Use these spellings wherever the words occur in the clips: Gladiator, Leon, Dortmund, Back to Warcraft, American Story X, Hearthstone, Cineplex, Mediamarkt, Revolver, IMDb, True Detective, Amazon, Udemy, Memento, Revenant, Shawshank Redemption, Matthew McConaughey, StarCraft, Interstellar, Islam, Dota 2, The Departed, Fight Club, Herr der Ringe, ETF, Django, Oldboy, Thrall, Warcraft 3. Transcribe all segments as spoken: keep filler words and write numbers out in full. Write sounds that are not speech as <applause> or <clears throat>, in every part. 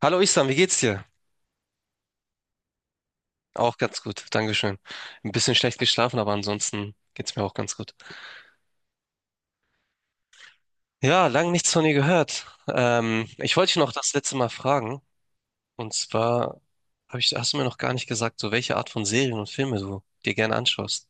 Hallo Islam, wie geht's dir? Auch ganz gut, Dankeschön. Ein bisschen schlecht geschlafen, aber ansonsten geht's mir auch ganz gut. Ja, lang nichts von dir gehört. Ähm, ich wollte dich noch das letzte Mal fragen. Und zwar hab ich, hast du mir noch gar nicht gesagt, so welche Art von Serien und Filme du dir gerne anschaust.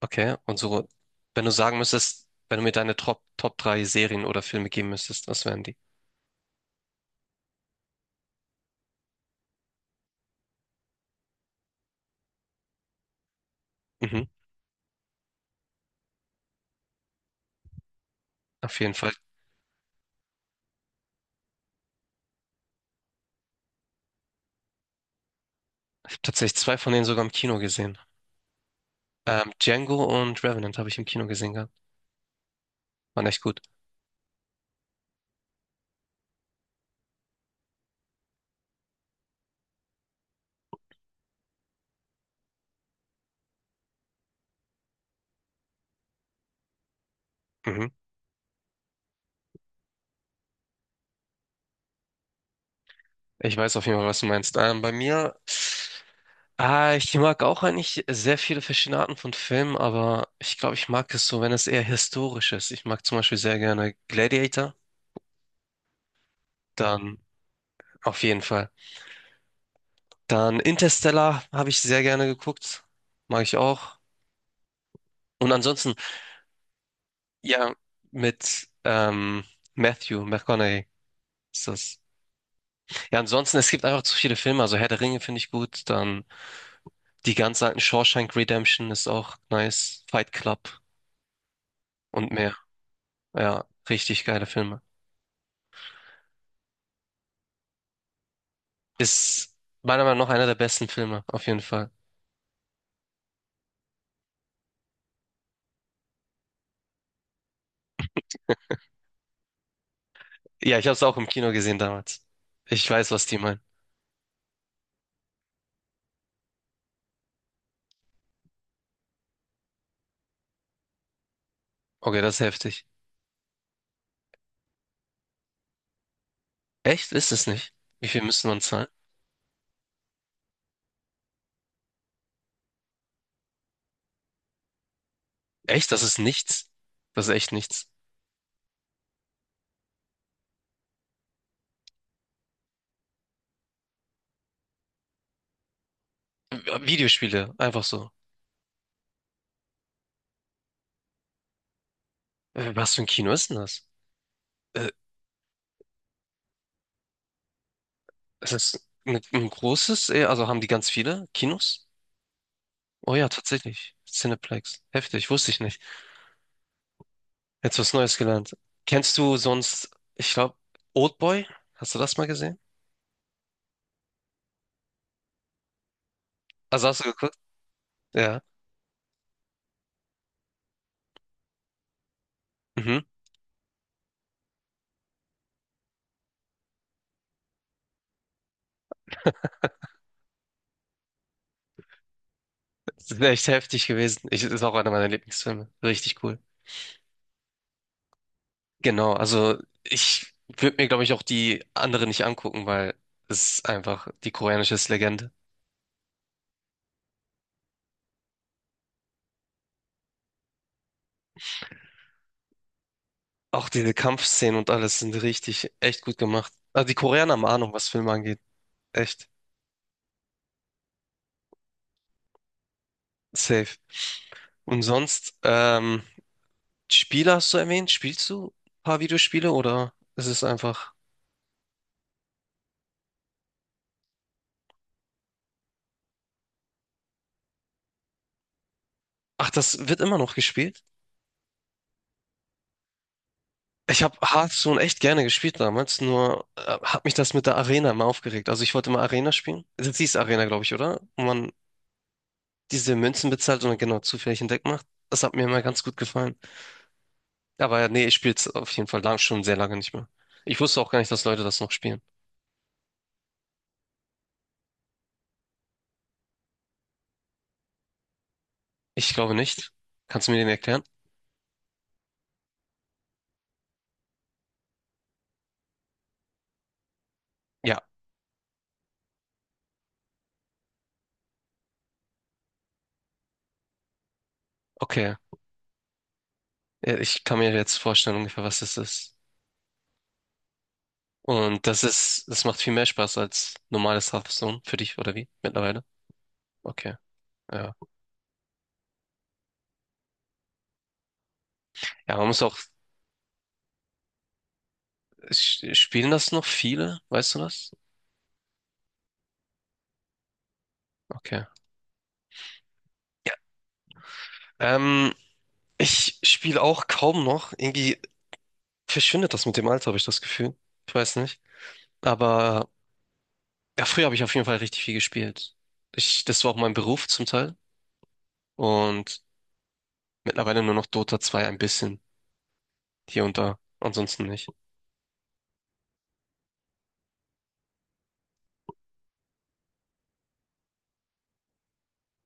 Okay, und so, wenn du sagen müsstest, wenn du mir deine Top, Top drei Serien oder Filme geben müsstest, was wären die? Mhm, auf jeden Fall. Ich habe tatsächlich zwei von denen sogar im Kino gesehen. Ähm, Django und Revenant habe ich im Kino gesehen gehabt. Waren echt gut. Mhm. Ich weiß auf jeden Fall, was du meinst. Ähm, bei mir, ah, ich mag auch eigentlich sehr viele verschiedene Arten von Filmen, aber ich glaube, ich mag es so, wenn es eher historisch ist. Ich mag zum Beispiel sehr gerne Gladiator, dann auf jeden Fall. Dann Interstellar habe ich sehr gerne geguckt, mag ich auch. Und ansonsten, ja, mit ähm, Matthew McConaughey ist das. Ja, ansonsten, es gibt einfach zu viele Filme. Also Herr der Ringe finde ich gut, dann die ganz alten Shawshank Redemption ist auch nice, Fight Club und mehr. Ja, richtig geile Filme. Ist meiner Meinung nach einer der besten Filme, auf jeden Fall. Ja, ich habe es auch im Kino gesehen damals. Ich weiß, was die meinen. Okay, das ist heftig. Echt? Ist es nicht? Wie viel müssen wir uns zahlen? Echt? Das ist nichts. Das ist echt nichts. Videospiele, einfach so. Äh, Was für ein Kino ist denn das? Äh, ist das ein, ein großes? äh, Also haben die ganz viele Kinos? Oh ja, tatsächlich. Cineplex. Heftig, wusste ich nicht. Jetzt was Neues gelernt. Kennst du sonst, ich glaube, Oldboy? Hast du das mal gesehen? Also hast du geguckt? Ja. Mhm. Das ist echt heftig gewesen. Ich, ist auch einer meiner Lieblingsfilme. Richtig cool. Genau, also ich würde mir, glaube ich, auch die anderen nicht angucken, weil es ist einfach, die koreanische ist Legende. Auch diese Kampfszenen und alles sind richtig, echt gut gemacht. Also die Koreaner haben Ahnung, was Filme angeht. Echt. Safe. Und sonst, ähm, Spiele hast du erwähnt? Spielst du ein paar Videospiele oder ist es einfach... Ach, das wird immer noch gespielt? Ich habe Hearthstone echt gerne gespielt damals, nur äh, hat mich das mit der Arena immer aufgeregt. Also ich wollte immer Arena spielen. Das hieß Arena, glaube ich, oder? Wo man diese Münzen bezahlt und dann genau zufällig ein Deck macht. Das hat mir immer ganz gut gefallen. Aber ja, nee, ich spiele es auf jeden Fall lang, schon sehr lange nicht mehr. Ich wusste auch gar nicht, dass Leute das noch spielen. Ich glaube nicht. Kannst du mir den erklären? Ja, okay. Ja, ich kann mir jetzt vorstellen ungefähr, was das ist. Und das ist, das macht viel mehr Spaß als normales Hearthstone für dich, oder wie? Mittlerweile? Okay. Ja. Ja, man muss auch S- spielen das noch viele? Weißt du das? Okay. Ja. Ähm, ich spiele auch kaum noch. Irgendwie verschwindet das mit dem Alter, habe ich das Gefühl. Ich weiß nicht. Aber ja, früher habe ich auf jeden Fall richtig viel gespielt. Ich, das war auch mein Beruf zum Teil. Und mittlerweile nur noch Dota zwei ein bisschen. Hier und da. Ansonsten nicht.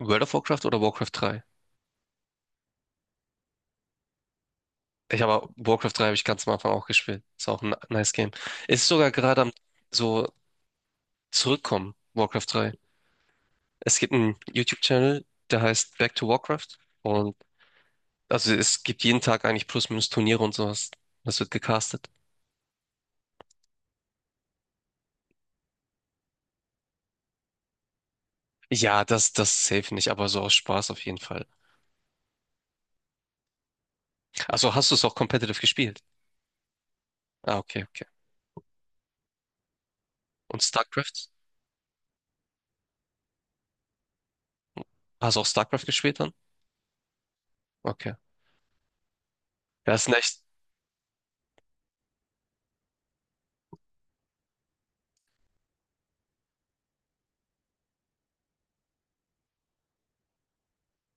World of Warcraft oder Warcraft drei? Ich habe Warcraft drei habe ich ganz am Anfang auch gespielt. Ist auch ein nice Game. Ist sogar gerade am so zurückkommen, Warcraft drei. Es gibt einen YouTube-Channel, der heißt Back to Warcraft. Und also es gibt jeden Tag eigentlich plus minus Turniere und sowas. Das wird gecastet. Ja, das, das safe nicht, aber so aus Spaß auf jeden Fall. Also hast du es auch competitive gespielt? Ah, okay, okay. Und StarCraft? Hast du auch StarCraft gespielt dann? Okay. Ja, ist echt.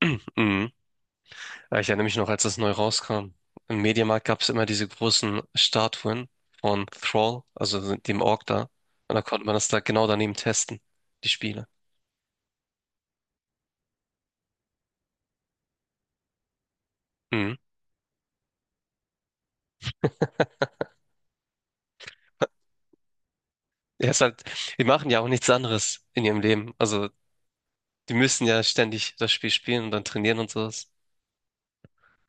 <clears throat> Mhm. Ja, ich erinnere mich noch, als das neu rauskam. Im Mediamarkt gab es immer diese großen Statuen von Thrall, also dem Ork da. Und da konnte man das da genau daneben testen, die Spiele. Mhm. Ja, ist halt, die machen ja auch nichts anderes in ihrem Leben. Also, die müssen ja ständig das Spiel spielen und dann trainieren und sowas.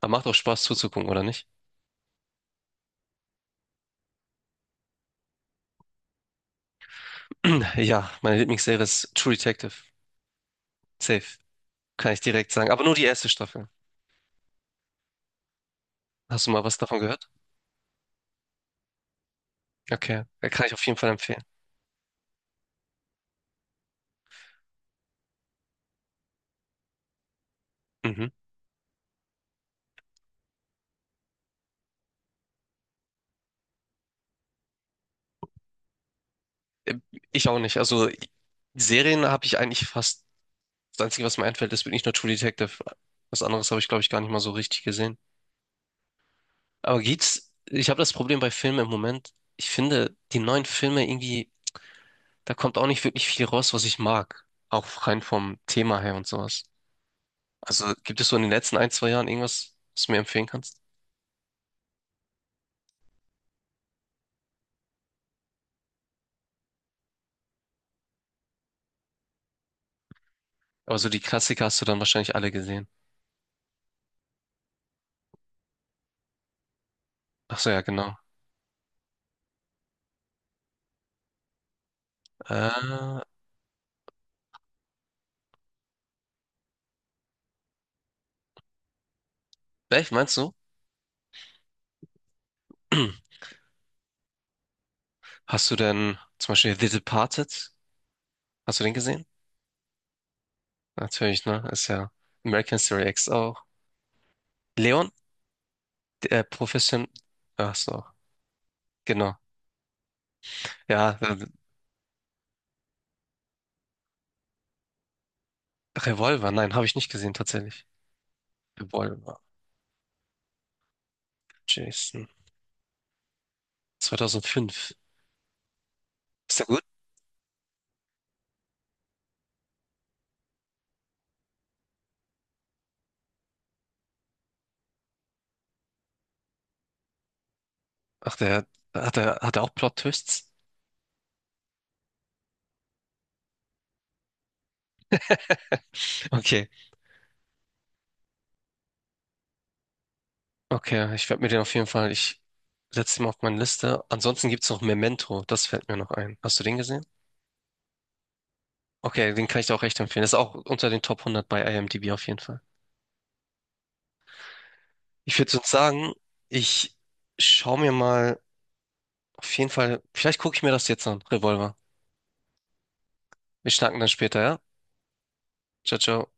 Aber macht auch Spaß zuzugucken, oder nicht? <clears throat> Ja, meine Lieblingsserie ist True Detective. Safe. Kann ich direkt sagen. Aber nur die erste Staffel. Hast du mal was davon gehört? Okay. Kann ich auf jeden Fall empfehlen. Mhm. Äh, ich auch nicht. Also, Serien habe ich eigentlich fast, das Einzige, was mir einfällt, ist wirklich nur True Detective. Was anderes habe ich, glaube ich, gar nicht mal so richtig gesehen. Aber geht's, ich habe das Problem bei Filmen im Moment. Ich finde die neuen Filme irgendwie da kommt auch nicht wirklich viel raus, was ich mag. Auch rein vom Thema her und sowas. Also gibt es so in den letzten ein, zwei Jahren irgendwas, was du mir empfehlen kannst? Aber so die Klassiker hast du dann wahrscheinlich alle gesehen. Ach so, ja, genau. Äh, welch meinst du? <clears throat> Hast du denn zum Beispiel The Departed? Hast du den gesehen? Natürlich, ne? Ist ja American Story X auch. Leon, der äh, Profession. Ach so, genau. Ja, äh, Revolver, nein, habe ich nicht gesehen tatsächlich. Revolver, Jason. zweitausendfünf. Ist der gut? Ach, der hat er hat er auch Plot-Twists? Okay. Okay, ich werde mir den auf jeden Fall, ich setze ihn mal auf meine Liste. Ansonsten gibt's noch Memento, das fällt mir noch ein. Hast du den gesehen? Okay, den kann ich dir auch echt empfehlen. Das ist auch unter den Top hundert bei I M D b auf jeden Fall. Ich würde sonst sagen, ich schaue mir mal auf jeden Fall, vielleicht gucke ich mir das jetzt an, Revolver. Wir schnacken dann später, ja? Ciao, ciao.